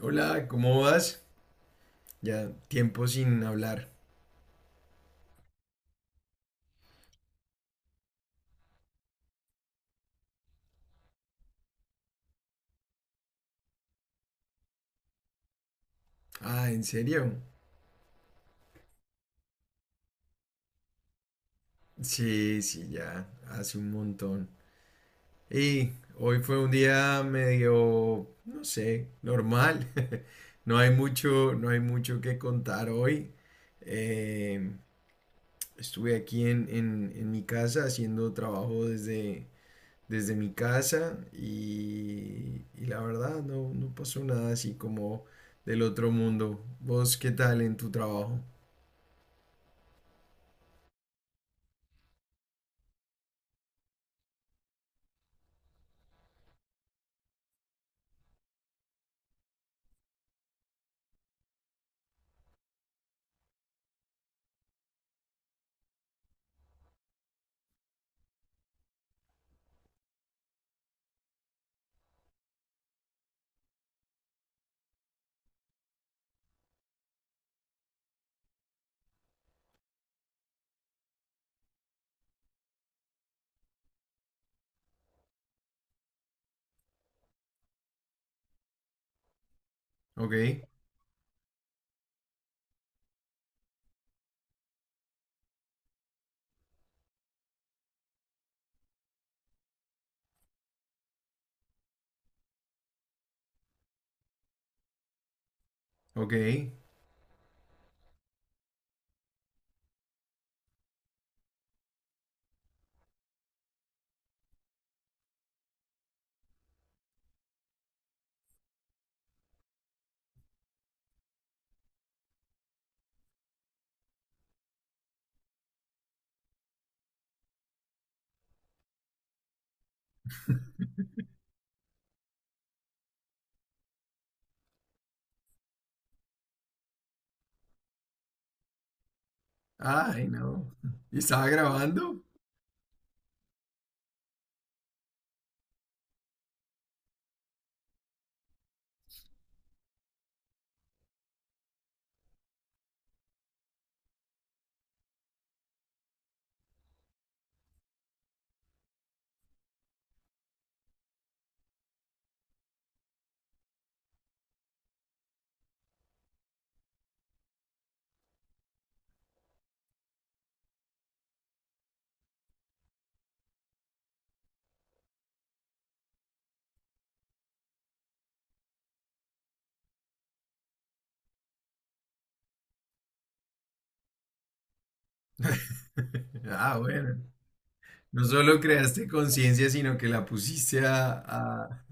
Hola, ¿cómo vas? Ya tiempo sin hablar. Ah, ¿en serio? Sí, sí, ya, hace un montón. Y Hoy fue un día medio, no sé, normal. No hay mucho, no hay mucho que contar hoy. Eh, Estuve aquí en mi casa haciendo trabajo desde mi casa y la verdad no pasó nada así como del otro mundo. ¿Vos qué tal en tu trabajo? Ok, ok. Ay, no. ¿Y estaba grabando? Ah, bueno. No solo creaste conciencia, sino que la pusiste a, a-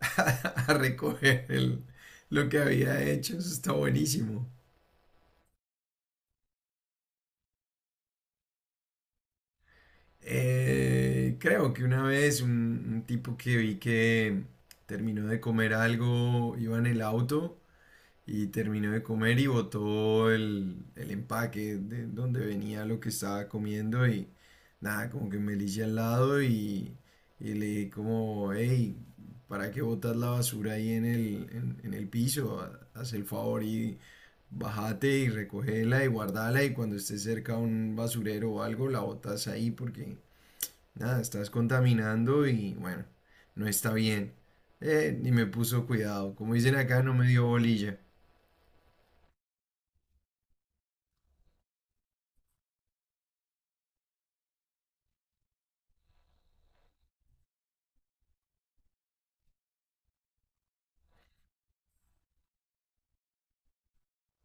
a recoger lo que había hecho. Eso está buenísimo. Creo que una vez un tipo que vi que terminó de comer algo, iba en el auto y terminó de comer y botó el empaque de donde venía lo que estaba comiendo y nada, como que me elige al lado y le dije como, hey, ¿para qué botas la basura ahí en el piso? Haz el favor y bájate y recógela y guardala y cuando estés cerca a un basurero o algo la botas ahí porque nada, estás contaminando y bueno, no está bien. Ni me puso cuidado. Como dicen acá, no me dio bolilla.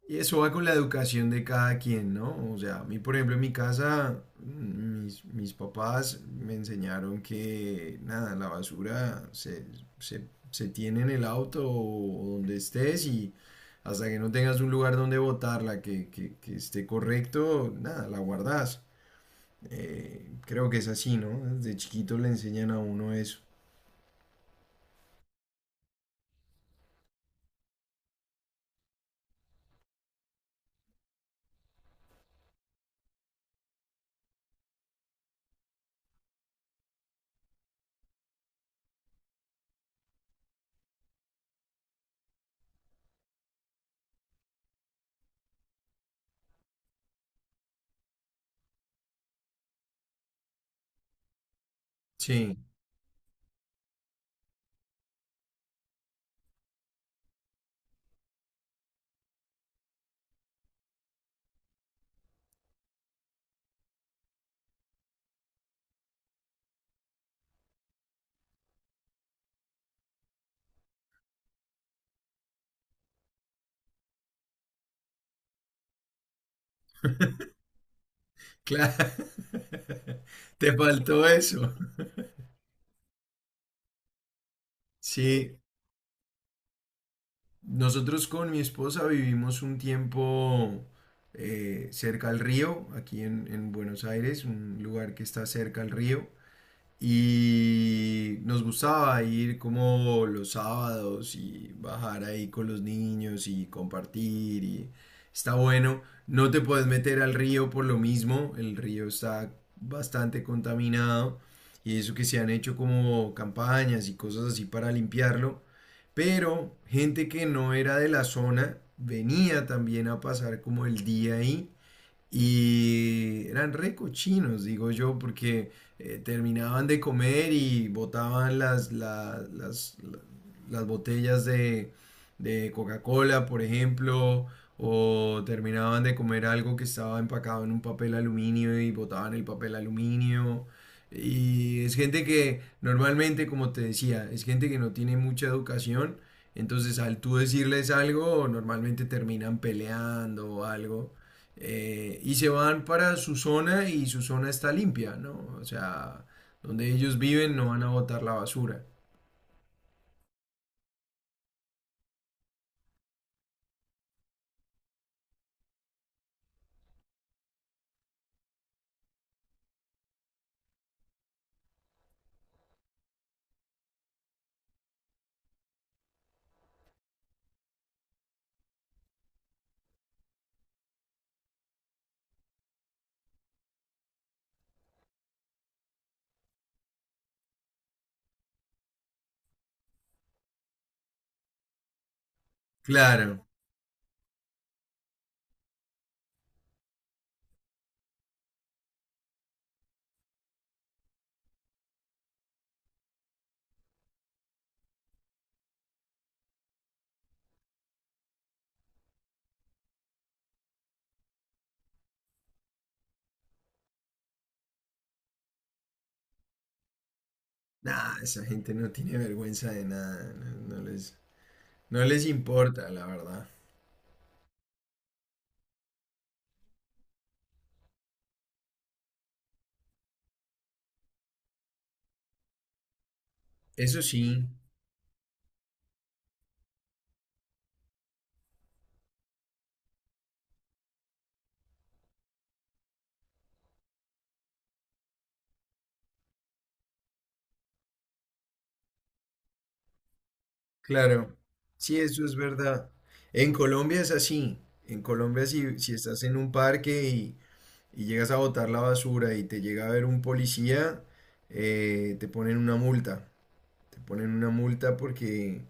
Y eso va con la educación de cada quien, ¿no? O sea, a mí, por ejemplo, en mi casa, mis papás me enseñaron que, nada, la basura se tiene en el auto o donde estés y hasta que no tengas un lugar donde botarla que esté correcto, nada, la guardas. Creo que es así, ¿no? Desde chiquito le enseñan a uno eso. Sí, claro. Te faltó eso. Sí, nosotros con mi esposa vivimos un tiempo cerca al río, aquí en Buenos Aires, un lugar que está cerca al río. Y nos gustaba ir como los sábados y bajar ahí con los niños y compartir y está bueno. No te puedes meter al río por lo mismo, el río está bastante contaminado y eso que se han hecho como campañas y cosas así para limpiarlo. Pero gente que no era de la zona venía también a pasar como el día ahí y eran re cochinos, digo yo, porque terminaban de comer y botaban las botellas de Coca-Cola, por ejemplo, o terminaban de comer algo que estaba empacado en un papel aluminio y botaban el papel aluminio. Y es gente que normalmente, como te decía, es gente que no tiene mucha educación. Entonces, al tú decirles algo, normalmente terminan peleando o algo. Y se van para su zona y su zona está limpia, ¿no? O sea, donde ellos viven no van a botar la basura. Claro. Nah, esa gente no tiene vergüenza de nada. No, no les, no les importa, la verdad. Eso sí. Claro, sí, eso es verdad. En Colombia es así. En Colombia si, si estás en un parque y llegas a botar la basura y te llega a ver un policía, te ponen una multa. Te ponen una multa porque...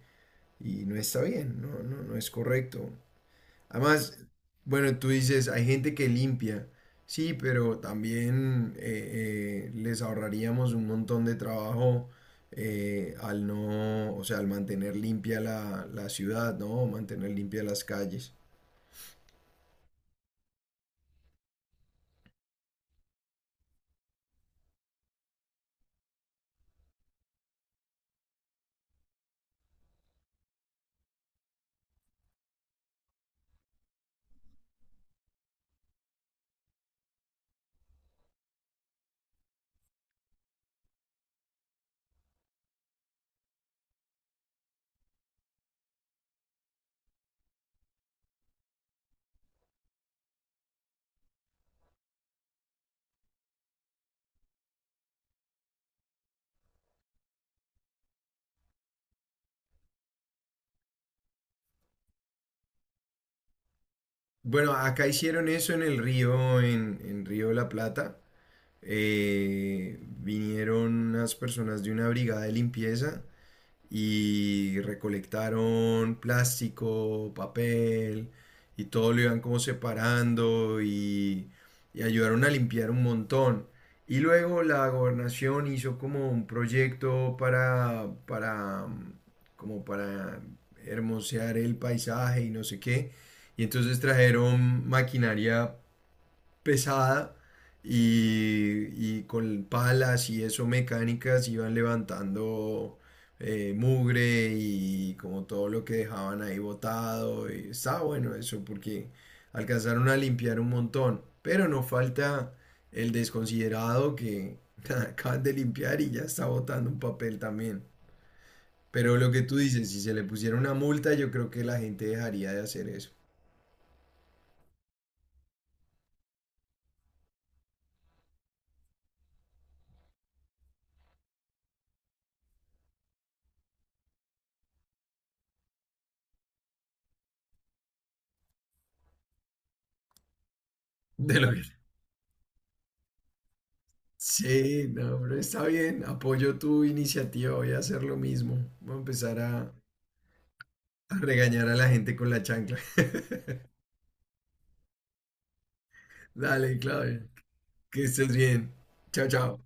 Y no está bien, no, no, no es correcto. Además, bueno, tú dices, hay gente que limpia, sí, pero también les ahorraríamos un montón de trabajo al no, o sea, al mantener limpia la ciudad, ¿no? Mantener limpia las calles. Bueno, acá hicieron eso en el río, en Río de la Plata. Vinieron unas personas de una brigada de limpieza y recolectaron plástico, papel y todo lo iban como separando y ayudaron a limpiar un montón. Y luego la gobernación hizo como un proyecto como para hermosear el paisaje y no sé qué. Y entonces trajeron maquinaria pesada y con palas y eso mecánicas iban levantando mugre y como todo lo que dejaban ahí botado. Y estaba bueno eso porque alcanzaron a limpiar un montón. Pero no falta el desconsiderado que acaban de limpiar y ya está botando un papel también. Pero lo que tú dices, si se le pusiera una multa, yo creo que la gente dejaría de hacer eso. De lo que sí, no, pero está bien. Apoyo tu iniciativa. Voy a hacer lo mismo. Voy a empezar a regañar a la gente con la chancla. Dale, Claudia. Que estés bien. Chao, chao.